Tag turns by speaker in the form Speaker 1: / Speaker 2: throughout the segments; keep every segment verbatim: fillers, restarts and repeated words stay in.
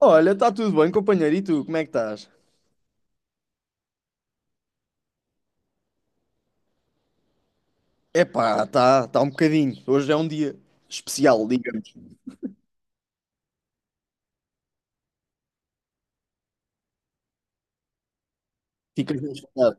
Speaker 1: Olha, está tudo bem, companheiro? E tu, como é que estás? Epá, está tá tá um bocadinho. Hoje é um dia especial, digamos. Ficas bem espantado.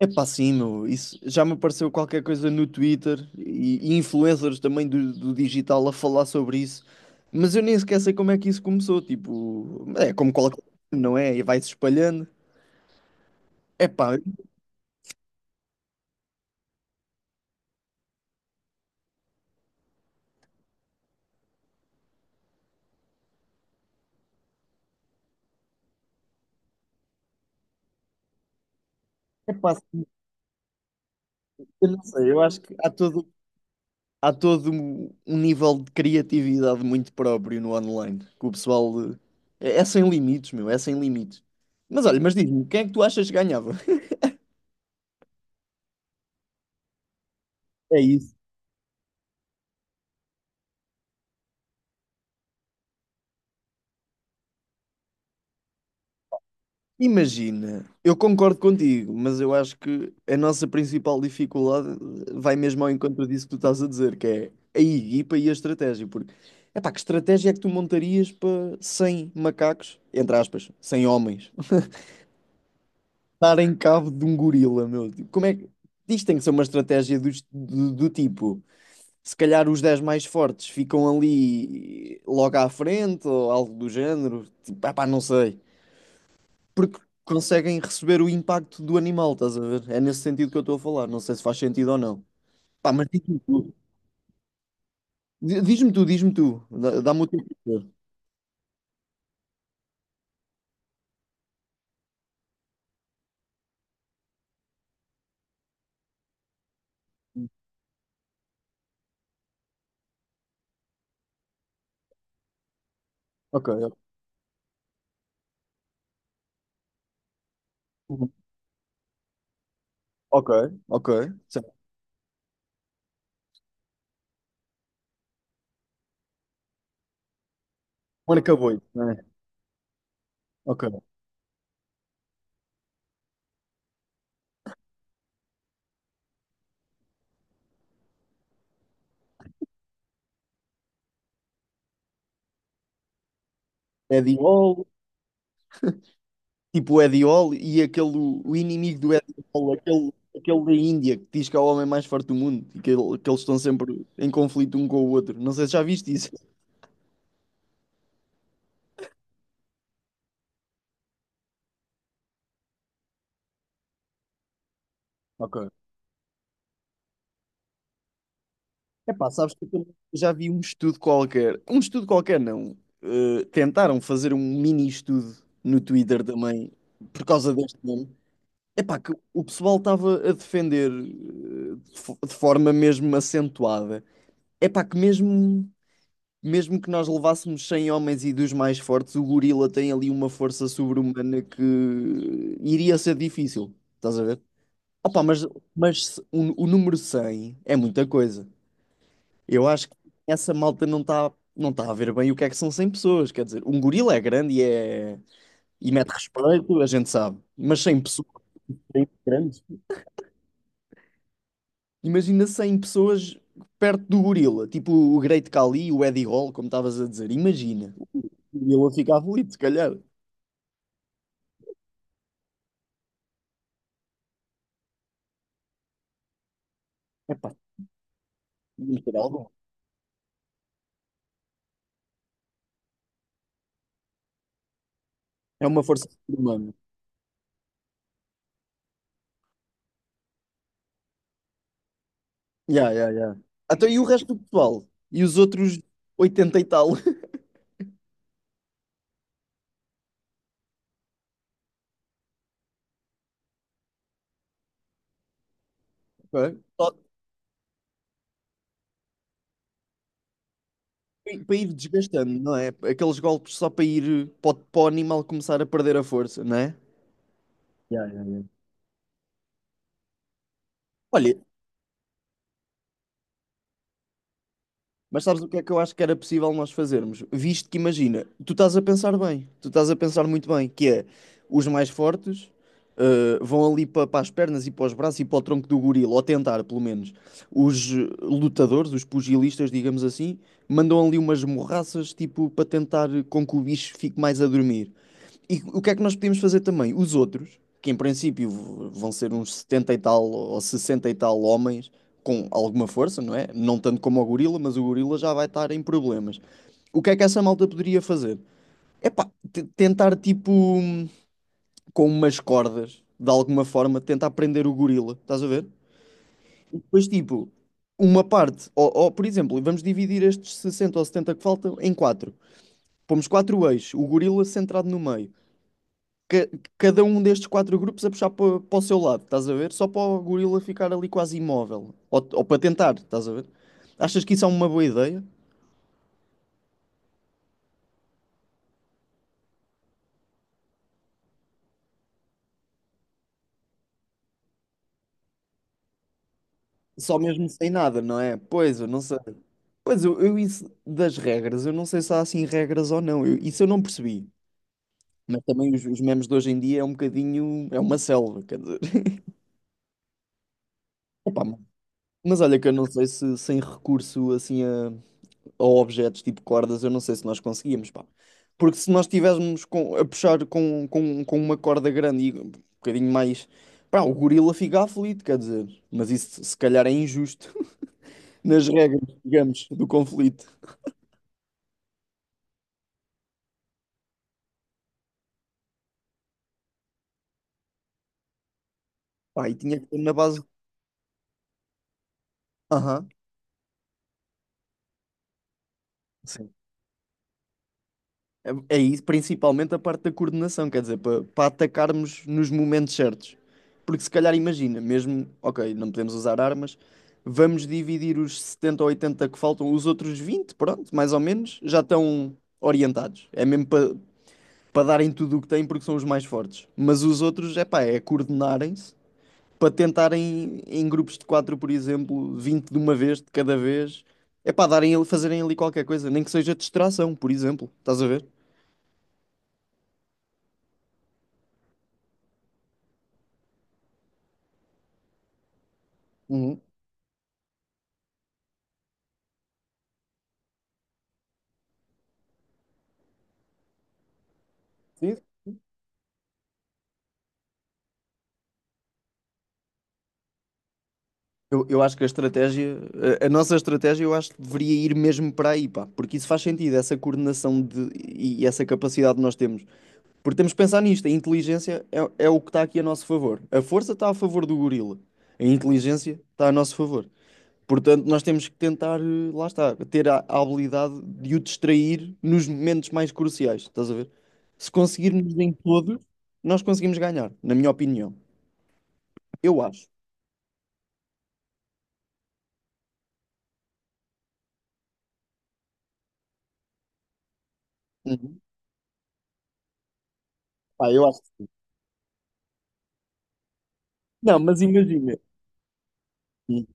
Speaker 1: Epá, sim, meu. Isso já me apareceu qualquer coisa no Twitter e, e influencers também do, do digital a falar sobre isso. Mas eu nem sequer sei como é que isso começou. Tipo, é como qualquer, não é? E vai-se espalhando. Epá, epá, sim, eu não sei. Eu acho que há todo há todo um, um nível de criatividade muito próprio no online, que o pessoal eh, é, é sem limites, meu, é sem limites. Mas olha, mas diz-me, quem é que tu achas que ganhava? É isso. Imagina, eu concordo contigo, mas eu acho que a nossa principal dificuldade vai mesmo ao encontro disso que tu estás a dizer, que é a equipa e a estratégia, porque epá, que estratégia é que tu montarias para cem macacos, entre aspas, cem homens? Dar em cabo de um gorila, meu. Tipo, como é que. Isto tem que ser uma estratégia do, do, do tipo. Se calhar os dez mais fortes ficam ali logo à frente ou algo do género. Tipo, ah pá, não sei. Porque conseguem receber o impacto do animal, estás a ver? É nesse sentido que eu estou a falar. Não sei se faz sentido ou não. Pá, mas diz-me tu. Di- Diz-me tu, diz-me tu. Dá- Dá-me o teu parecer. Ok, ok, ok. Ok. Certo. Marca boi, né? Ok. É de. Tipo o Eddie Hall e aquele, o inimigo do Eddie Hall, aquele, aquele da Índia, que diz que é o homem mais forte do mundo e que, ele- que eles estão sempre em conflito um com o outro. Não sei se já viste isso. Ok. Epá, sabes que eu também já vi um estudo qualquer. Um estudo qualquer, não. Eh, tentaram fazer um mini estudo no Twitter também, por causa deste nome. Epá, que o pessoal estava a defender eh, de fo- de forma mesmo acentuada. Epá, que mesmo mesmo que nós levássemos cem homens e dos mais fortes, o gorila tem ali uma força sobre-humana que iria ser difícil, estás a ver? Opa, mas, mas se- o, o número cem é muita coisa. Eu acho que essa malta não está não tá a ver bem o que é que são cem pessoas. Quer dizer, um gorila é grande e, é, e mete respeito, a gente sabe. Mas cem pessoas é grande. Imagina cem pessoas perto do gorila, tipo o Great Khali, o Eddie Hall, como estavas a dizer. Imagina. O gorila ficava ali, se calhar. Literal. É uma força humana. Yeah, yeah, yeah. Então, e o resto do pessoal? E os outros oitenta e tal? Pá, só para ir desgastando, não é? Aqueles golpes só para ir para o, para o animal começar a perder a força, não é? Yeah, yeah, yeah. Olha, mas sabes o que é que eu acho que era possível nós fazermos? Visto que, imagina, tu estás a pensar bem, tu estás a pensar muito bem, que é os mais fortes eh, vão ali para as pernas e para os braços e para o tronco do gorila, ou tentar, pelo menos. Os eh, lutadores, os pugilistas, digamos assim, mandam ali umas morraças, tipo, para tentar com que o bicho fique mais a dormir. E o que é que nós podíamos fazer também? Os outros, que em princípio v- vão ser uns setenta e tal ou sessenta e tal homens, com alguma força, não é? Não tanto como o gorila, mas o gorila já vai estar em problemas. O que é que essa malta poderia fazer? É pá, t- tentar tipo hum, com umas cordas, de alguma forma, tentar prender o gorila, estás a ver? E depois tipo, uma parte, ou, ou, por exemplo, vamos dividir estes sessenta ou setenta que faltam em quatro. Pomos quatro eixos, o gorila centrado no meio. ca- Cada um destes quatro grupos a puxar para, para o seu lado, estás a ver? Só para o gorila ficar ali quase imóvel. Ou, ou para tentar, estás a ver? Achas que isso é uma boa ideia? Só mesmo sem nada, não é? Pois, eu não sei. Pois, eu, eu isso das regras, eu não sei se há assim regras ou não. Eu- isso eu não percebi. Mas também os, os memes de hoje em dia é um bocadinho. É uma selva, quer dizer. Opa, mas olha que eu não sei se sem recurso assim a, ou objetos tipo cordas, eu não sei se nós conseguíamos, pá. Porque se nós estivéssemos com- a puxar com, com, com uma corda grande e um bocadinho mais, pá, o gorila fica aflito, quer dizer. Mas isso se calhar é injusto nas regras, digamos, do conflito. Pá, e tinha que ser na base. Aham. É é isso, principalmente a parte da coordenação, quer dizer, para atacarmos nos momentos certos. Porque se calhar imagina, mesmo, ok, não podemos usar armas, vamos dividir os setenta ou oitenta que faltam, os outros vinte, pronto, mais ou menos, já estão orientados. É mesmo para para darem tudo o que têm porque são os mais fortes. Mas os outros, é pá, é coordenarem-se para tentarem em grupos de quatro, por exemplo, vinte de uma vez, de cada vez, é para darem, ali- fazerem ali qualquer coisa, nem que seja distração, por exemplo, estás a ver? Sim. Eu, eu acho que a estratégia, a, a nossa estratégia, eu acho que deveria ir mesmo para aí, pá, porque isso faz sentido, essa coordenação de, e essa capacidade que nós temos. Porque temos que pensar nisto, a inteligência é, é o que está aqui a nosso favor. A força está a favor do gorila, a inteligência está a nosso favor. Portanto, nós temos que tentar, eh, lá está, ter a, a habilidade de o distrair nos momentos mais cruciais, estás a ver? Se conseguirmos em todos, nós conseguimos ganhar, na minha opinião. Eu acho. Uhum. Pá, eu acho. Não, mas imagina. E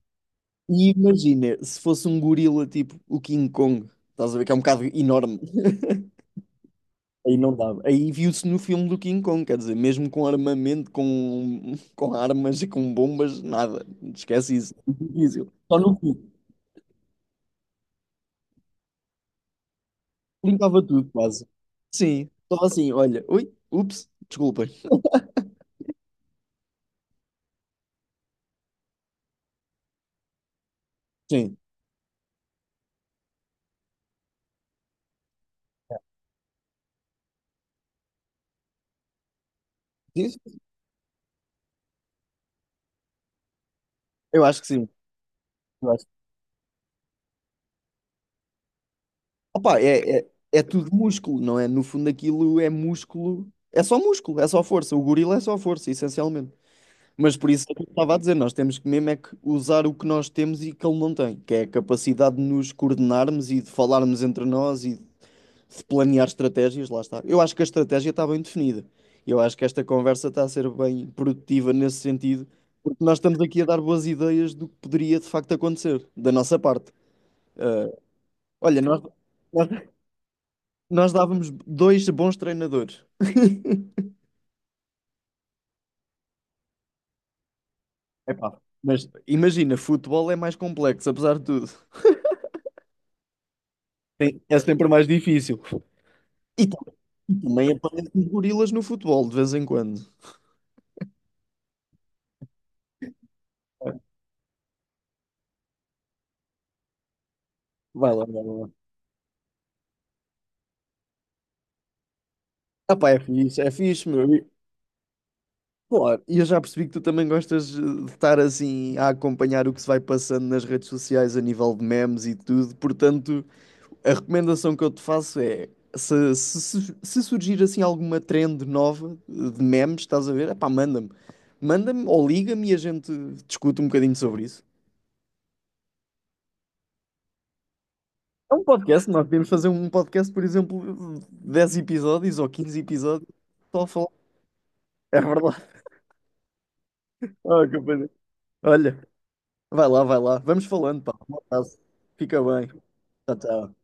Speaker 1: e imagina, se fosse um gorila tipo o King Kong, estás a ver que é um bocado enorme. Aí não dava. Aí viu-se no filme do King Kong, quer dizer, mesmo com armamento, com, com armas e com bombas, nada. Esquece isso. É difícil. Só no cu. Limpava tudo, quase. Sim. Só assim, olha. Ui, ups, desculpem. Sim. Diz? Eu acho que sim. Eu acho. Opa, é, é, é tudo músculo, não é? No fundo, aquilo é músculo. É só músculo, é só força. O gorila é só força, essencialmente. Mas por isso é que eu estava a dizer, nós temos que mesmo é que usar o que nós temos e que ele não tem, que é a capacidade de nos coordenarmos e de falarmos entre nós e de planear estratégias, lá está. Eu acho que a estratégia está bem definida. Eu acho que esta conversa está a ser bem produtiva nesse sentido, porque nós estamos aqui a dar boas ideias do que poderia de facto acontecer, da nossa parte. Ah, olha, nós, nós, nós dávamos dois bons treinadores. Epá, mas imagina, futebol é mais complexo, apesar de tudo. Tem- É sempre mais difícil. E, tam- e também aparecem os gorilas no futebol de vez em quando. Vai lá, vai lá. Ah, pá, é fixe, é fixe, meu. E. Claro, e eu já percebi que tu também gostas eh, de estar assim a acompanhar o que se vai passando nas redes sociais a nível de memes e tudo. Portanto, a recomendação que eu te faço é: se, se, su- se surgir assim alguma trend nova eh, de memes, estás a ver? Epá, manda-me. Manda-me ou liga-me e a gente discute um bocadinho sobre isso. É um podcast, nós podemos fazer um podcast, por exemplo, dez episódios ou quinze episódios, só a falar. É verdade. Ah, que coisa. Olha, vai lá, vai lá. Vamos falando, pá. Um abraço. Fica bem. Tchau, tchau.